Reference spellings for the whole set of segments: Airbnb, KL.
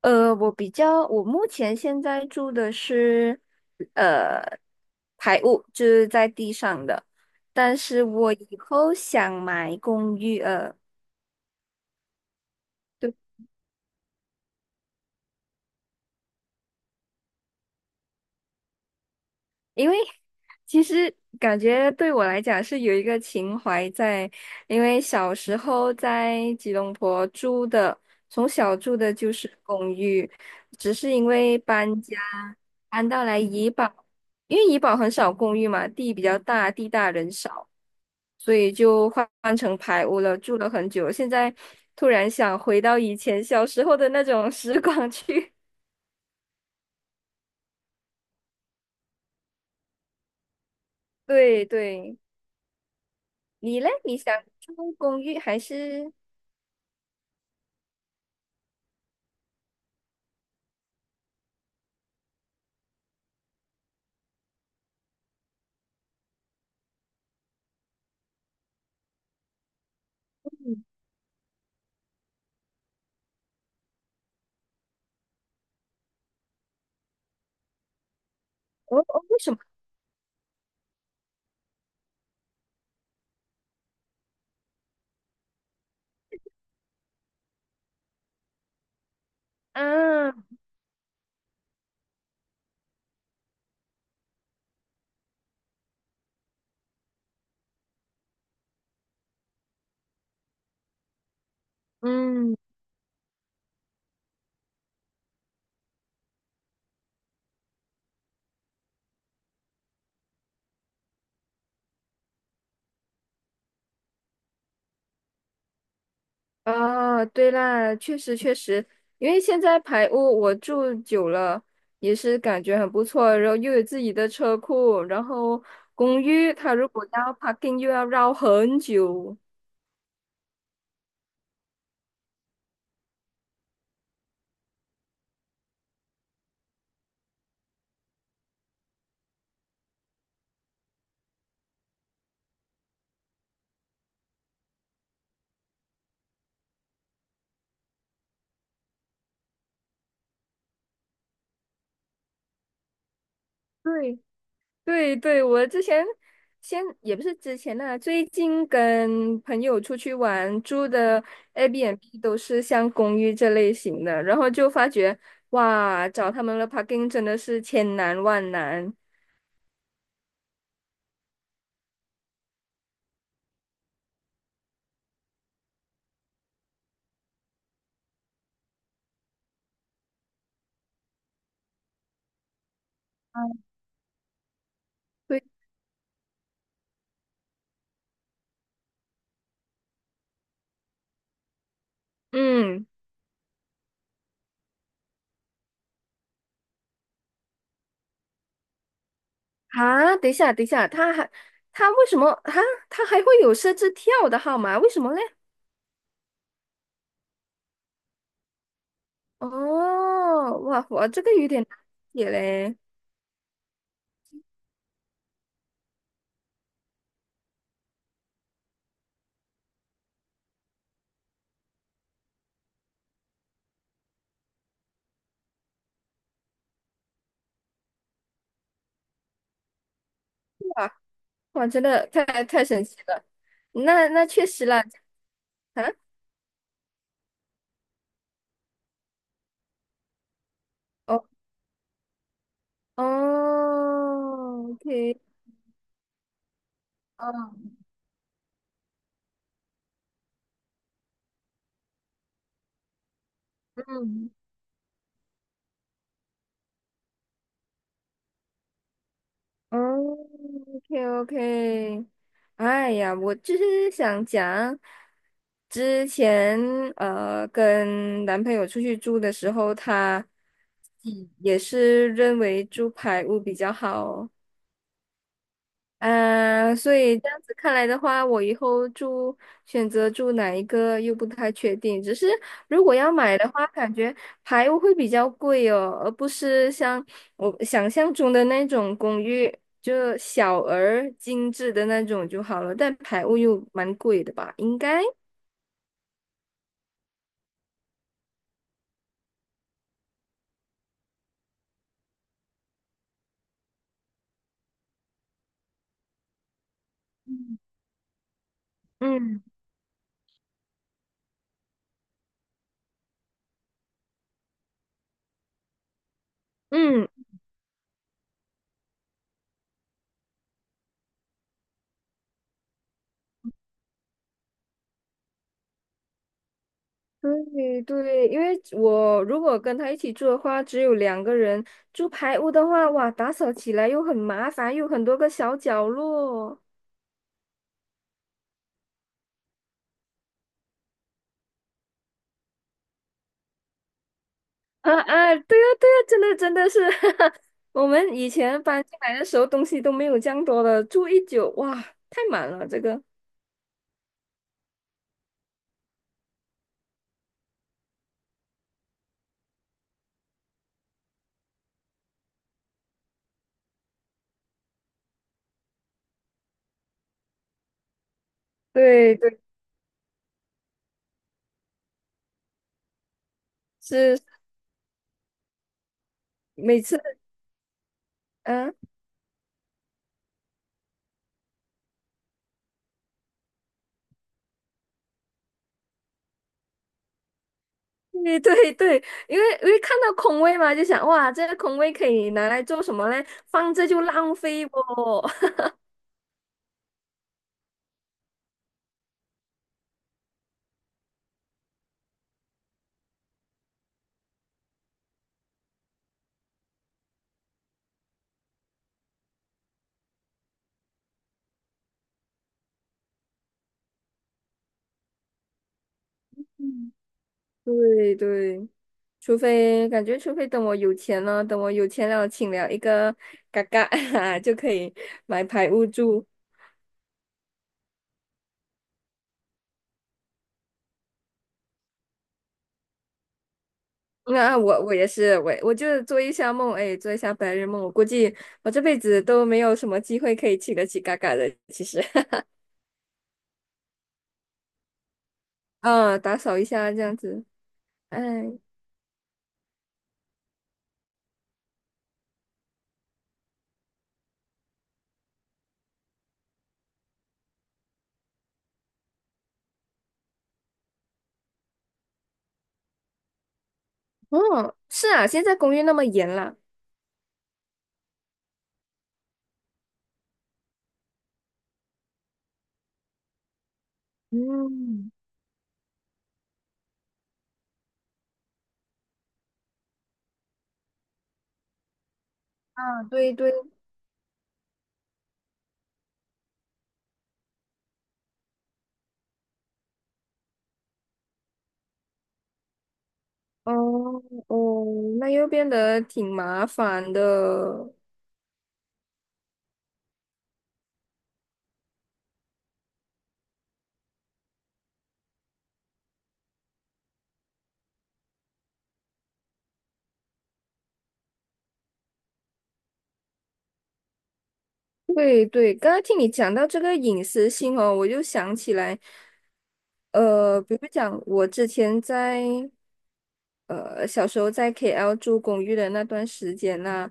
我比较，我目前现在住的是，呃，排屋，就是在地上的，但是我以后想买公寓，对。因为其实感觉对我来讲是有一个情怀在，因为小时候在吉隆坡住的，从小住的就是公寓，只是因为搬家搬到来怡保，因为怡保很少公寓嘛，地比较大，地大人少，所以就换成排屋了，住了很久。现在突然想回到以前小时候的那种 时光去，对对。你嘞？你想住公寓还是？嗯，哦哦，为什么啊？嗯，哦，对啦，确实确实，因为现在排屋我住久了，也是感觉很不错，然后又有自己的车库，然后公寓它如果要 parking 又要绕很久。对，对对，我之前先也不是之前呢，最近跟朋友出去玩，住的 Airbnb 都是像公寓这类型的，然后就发觉哇，找他们的 parking 真的是千难万难。对，嗯，啊，等一下，等一下，他为什么啊？他还会有设置跳的号码？为什么嘞？哦，哇，我这个有点难解嘞，哇哇，真的太神奇了。那那确实啦，啊。哦哦，OK，哦，嗯，哦，OK，OK，哎呀，我就是想讲，之前跟男朋友出去住的时候，他嗯也是认为住排屋比较好，嗯，所以这样子看来的话，我以后住选择住哪一个又不太确定。只是如果要买的话，感觉排屋会比较贵哦，而不是像我想象中的那种公寓，就小而精致的那种就好了。但排屋又蛮贵的吧？应该，嗯嗯嗯对对，因为我如果跟他一起住的话，只有两个人住排屋的话，哇，打扫起来又很麻烦，又很多个小角落。啊啊，对呀对呀，真的真的是，我们以前搬进来的时候东西都没有这样多的，住一久，哇，太满了这个。对对，是每次，嗯、对对对，因为因为看到空位嘛，就想哇，这个空位可以拿来做什么嘞？放着就浪费不？对对，除非感觉，除非等我有钱了，等我有钱了，请了一个嘎嘎 就可以买排屋住。那我我也是，我就做一下梦，哎，做一下白日梦。我估计我这辈子都没有什么机会可以请得起嘎嘎的。其实，啊，打扫一下这样子。哎，哦，是啊，现在公寓那么严啦。嗯，啊，对对，哦哦，那又变得挺麻烦的。对对，刚刚听你讲到这个隐私性哦，我就想起来，呃，比如讲我之前在小时候在 KL 住公寓的那段时间呐、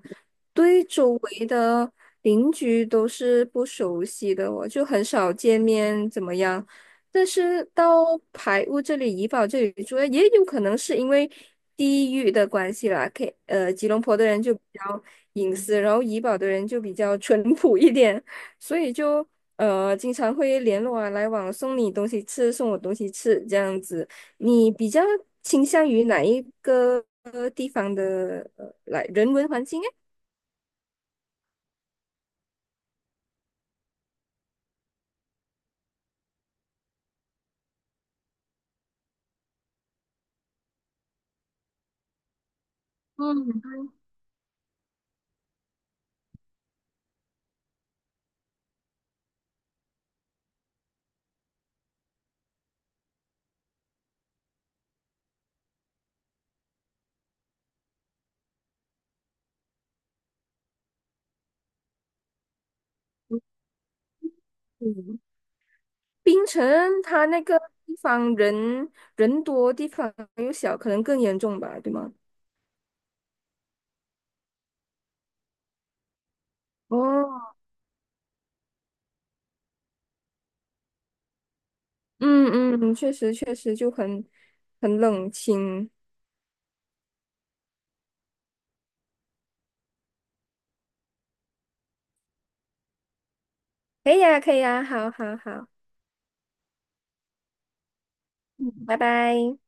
对周围的邻居都是不熟悉的哦，我就很少见面，怎么样？但是到排屋这里、怡保这里住，也有可能是因为地域的关系啦。K，吉隆坡的人就比较隐私，然后怡保的人就比较淳朴一点，所以就经常会联络啊，来往，送你东西吃，送我东西吃这样子。你比较倾向于哪一个呃来人文环境诶？嗯槟城它那个地方人人多，地方又小，可能更严重吧，对吗？哦，嗯嗯，确实确实就很很冷清。可以呀，可以呀，好好好，嗯，拜拜。